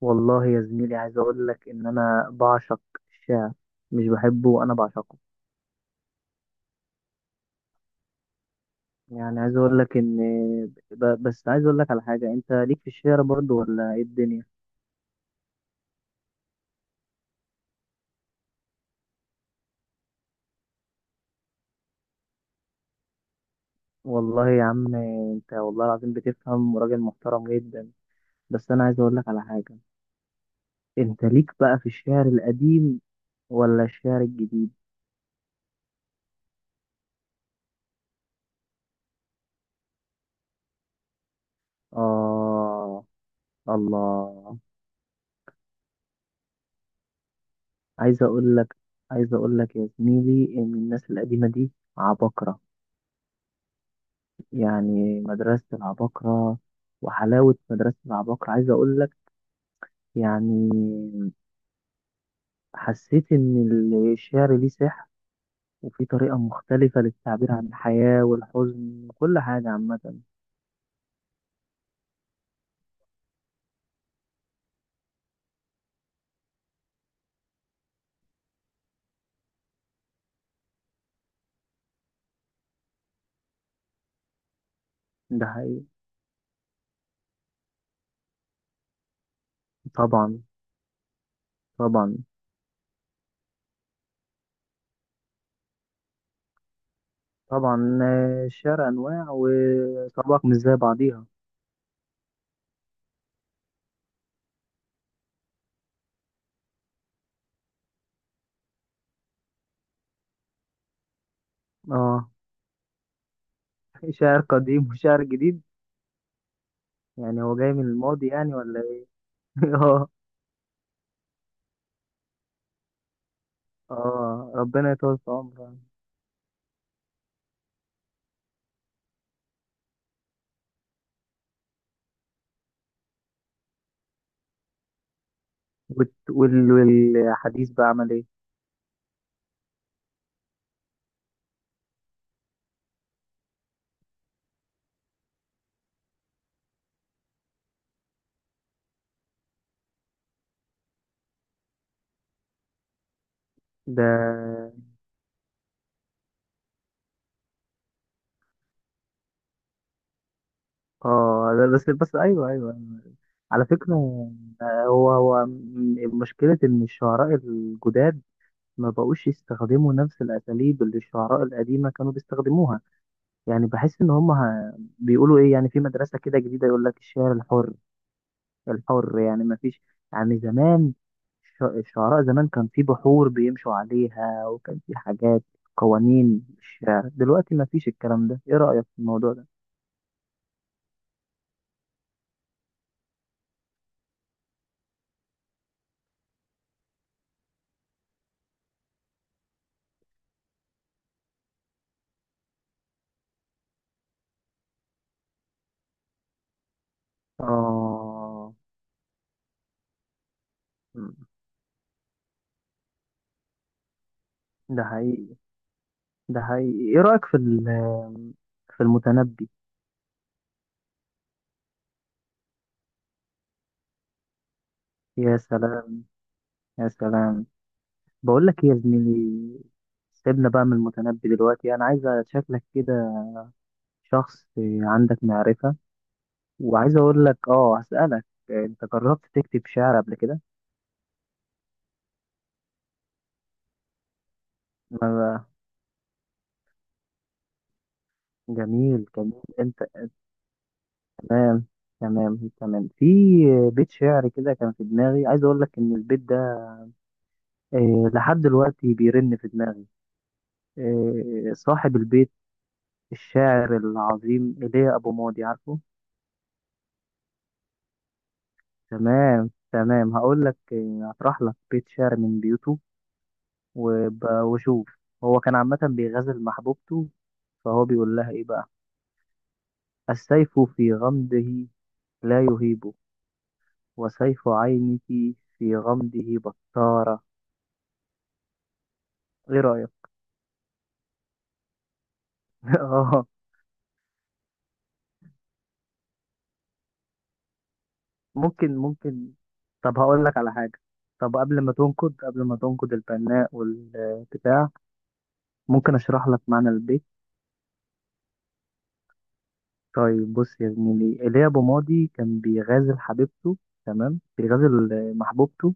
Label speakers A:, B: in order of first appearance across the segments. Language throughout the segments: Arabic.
A: والله يا زميلي، عايز اقول لك ان انا بعشق الشعر. مش بحبه، انا بعشقه. يعني عايز اقول لك ان بس عايز اقول لك على حاجه، انت ليك في الشعر برضو ولا ايه الدنيا؟ والله يا عم، انت والله العظيم بتفهم، وراجل محترم جدا. بس انا عايز اقول لك على حاجه. انت ليك بقى في الشعر القديم ولا الشعر الجديد؟ اه. الله. عايز اقول لك عايز اقول لك يا زميلي ان الناس القديمه دي عباقره. يعني مدرسة العباقرة، وحلاوة مدرسة العباقرة. عايز أقول لك يعني، حسيت إن الشعر ليه سحر، وفي طريقة مختلفة للتعبير عن الحياة والحزن وكل حاجة عامة. ده حقيقي. طبعا. طبعا. طبعا. الشعر أنواع وطبق مش زي بعضيها. اه. شعر قديم وشعر جديد، يعني هو جاي من الماضي يعني ولا ايه؟ اه. اه، ربنا يطول في عمره. والحديث بقى عمل ايه؟ ده، اه، ده بس بس ايوه ايوه أيوة. على فكره. هو مشكله ان الشعراء الجداد ما بقوش يستخدموا نفس الاساليب اللي الشعراء القديمه كانوا بيستخدموها. يعني بحس ان هم بيقولوا ايه، يعني في مدرسه كده جديده يقول لك الشعر الحر. الحر يعني ما فيش. يعني زمان، الشعراء زمان كان في بحور بيمشوا عليها، وكان في حاجات، قوانين. الشعر دلوقتي ما فيش الكلام ده. ايه رايك في الموضوع ده؟ اه. مم. ده حقيقي. ده حقيقي. ايه رأيك في في المتنبي؟ يا سلام، يا سلام. بقول لك ايه يا زميلي، سيبنا بقى من المتنبي دلوقتي. انا عايز شكلك كده شخص عندك معرفة، وعايز اقول لك، هسألك: انت جربت تكتب شعر قبل كده؟ ما- جميل، جميل. انت تمام، تمام، تمام. في بيت شعر كده كان في دماغي، عايز اقول لك ان البيت ده لحد دلوقتي بيرن في دماغي. صاحب البيت الشاعر العظيم ايليا ابو ماضي، عارفه؟ تمام، تمام. هقول لك، هطرح لك بيت شعر من بيوته، وشوف. هو كان عامة بيغزل محبوبته، فهو بيقول لها ايه بقى: السيف في غمده لا يهيبه، وسيف عينك في غمده بطارة. ايه رأيك؟ اه. ممكن، ممكن. طب هقول لك على حاجة. طب قبل ما تنقد، قبل ما تنقد البناء والبتاع، ممكن اشرح لك معنى البيت. طيب بص يا زميلي، ايليا ابو ماضي كان بيغازل حبيبته. تمام، بيغازل محبوبته.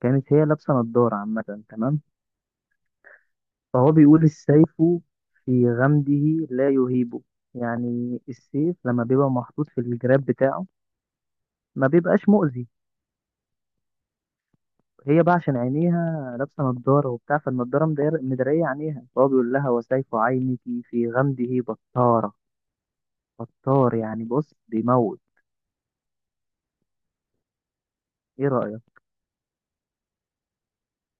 A: كانت هي لابسه نضاره عامه، تمام. فهو بيقول: السيف في غمده لا يهيبه، يعني السيف لما بيبقى محطوط في الجراب بتاعه ما بيبقاش مؤذي. هي بقى عشان عينيها لابسه نضاره وبتاع، فالنضاره مدريه عينيها، فهو بيقول لها: وسيف عينك في غمده بطاره. بطار يعني بص بيموت. ايه رايك؟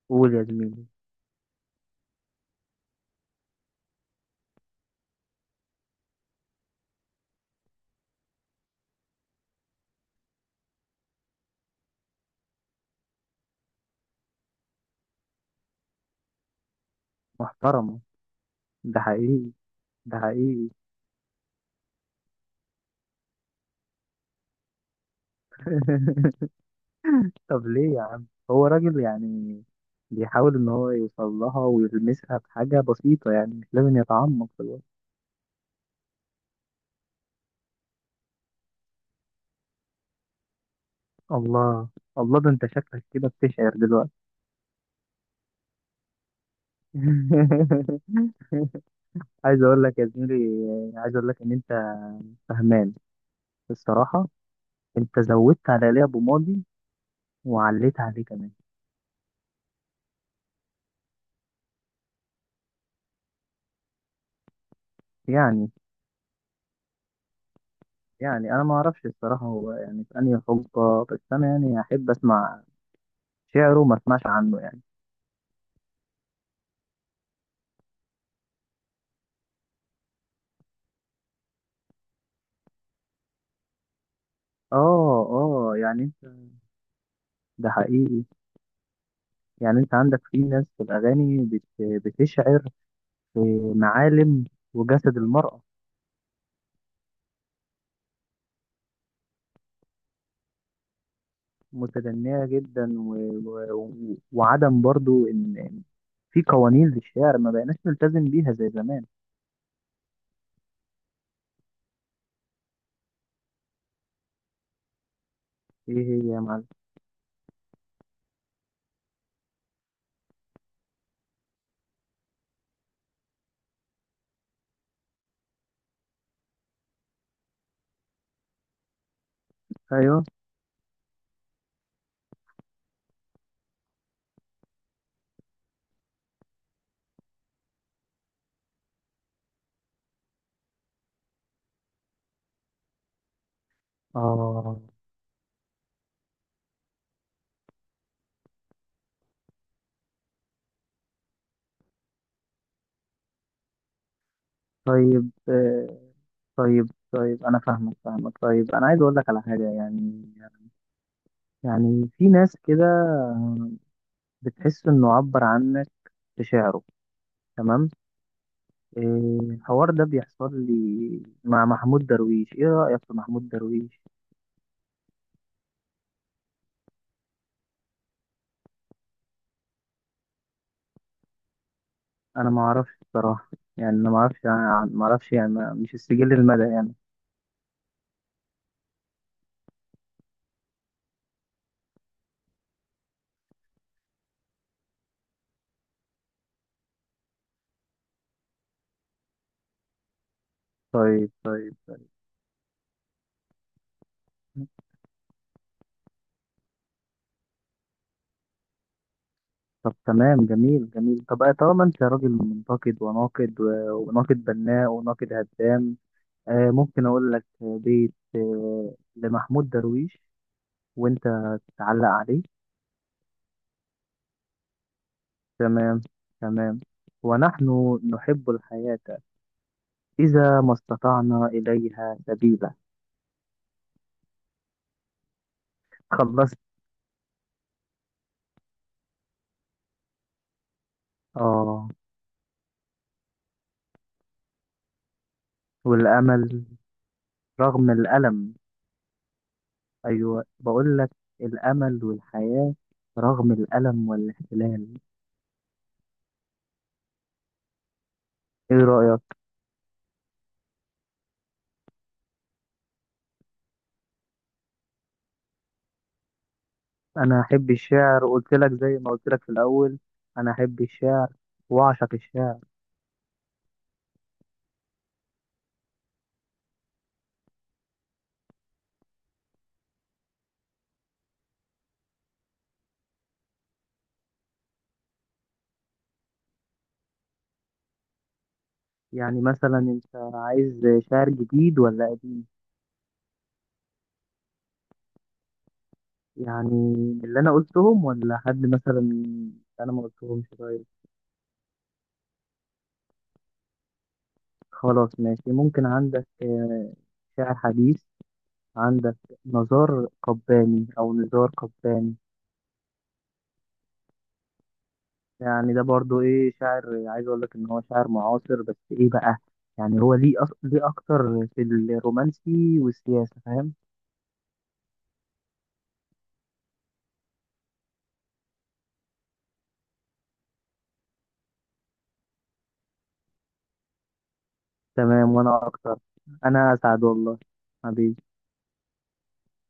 A: قول يا زميلي. محترمه. ده حقيقي. ده حقيقي. طب ليه يا عم، هو راجل يعني بيحاول ان هو يوصل لها ويلمسها بحاجة بسيطة، يعني مش لازم يتعمق في الوقت. الله، الله. ده انت شكلك كده بتشعر دلوقتي. عايز اقول لك يا زميلي، عايز اقول لك ان انت فهمان الصراحة. انت زودت على ليه ابو ماضي وعليت عليه كمان. يعني يعني انا ما اعرفش الصراحة، هو يعني في انهي حقبة، بس انا يعني احب اسمع شعره، ما اسمعش عنه يعني. اه، اه. يعني انت، ده حقيقي. يعني انت عندك في ناس في الاغاني بتشعر في معالم وجسد المرأة. متدنية جدا، وعدم برضو ان في قوانين للشعر ما بقيناش نلتزم بيها زي زمان. ايه هي يا معلم؟ ايوه. اه. طيب. طيب، طيب. انا فاهمك، فاهمك. طيب انا عايز اقول لك على حاجة. يعني في ناس كده بتحس انه عبر عنك في شعره، تمام. إيه، الحوار ده بيحصل لي مع محمود درويش. ايه رأيك في محمود درويش؟ انا ما اعرفش بصراحة. يعني انا ما اعرفش يعني، ما اعرفش يعني مش السجل المدى يعني. طيب، طيب. طب تمام، جميل، جميل. طب طالما انت راجل منتقد وناقد وناقد بناء وناقد هدام، ممكن اقول لك بيت لمحمود درويش وانت تعلق عليه؟ تمام، تمام. ونحن نحب الحياة إذا ما استطعنا إليها سبيلا. خلصت. اه، والأمل رغم الألم. أيوة، بقول لك الأمل والحياة رغم الألم والاحتلال. إيه رأيك؟ أنا أحب الشعر، قلت لك زي ما قلت لك في الأول. أنا أحب الشعر وأعشق الشعر. يعني مثلا أنت عايز شعر جديد ولا قديم؟ يعني من اللي أنا قلتهم، ولا حد مثلا أنا ما قلتهمش؟ طيب. خلاص، ماشي. ممكن عندك شعر حديث عندك، نزار قباني او نزار قباني. يعني ده برضو ايه شاعر، عايز اقول لك ان هو شاعر معاصر، بس ايه بقى، يعني هو ليه ليه اكتر في الرومانسي والسياسة، فاهم. تمام. وانا اكتر، انا سعد والله، حبيبي.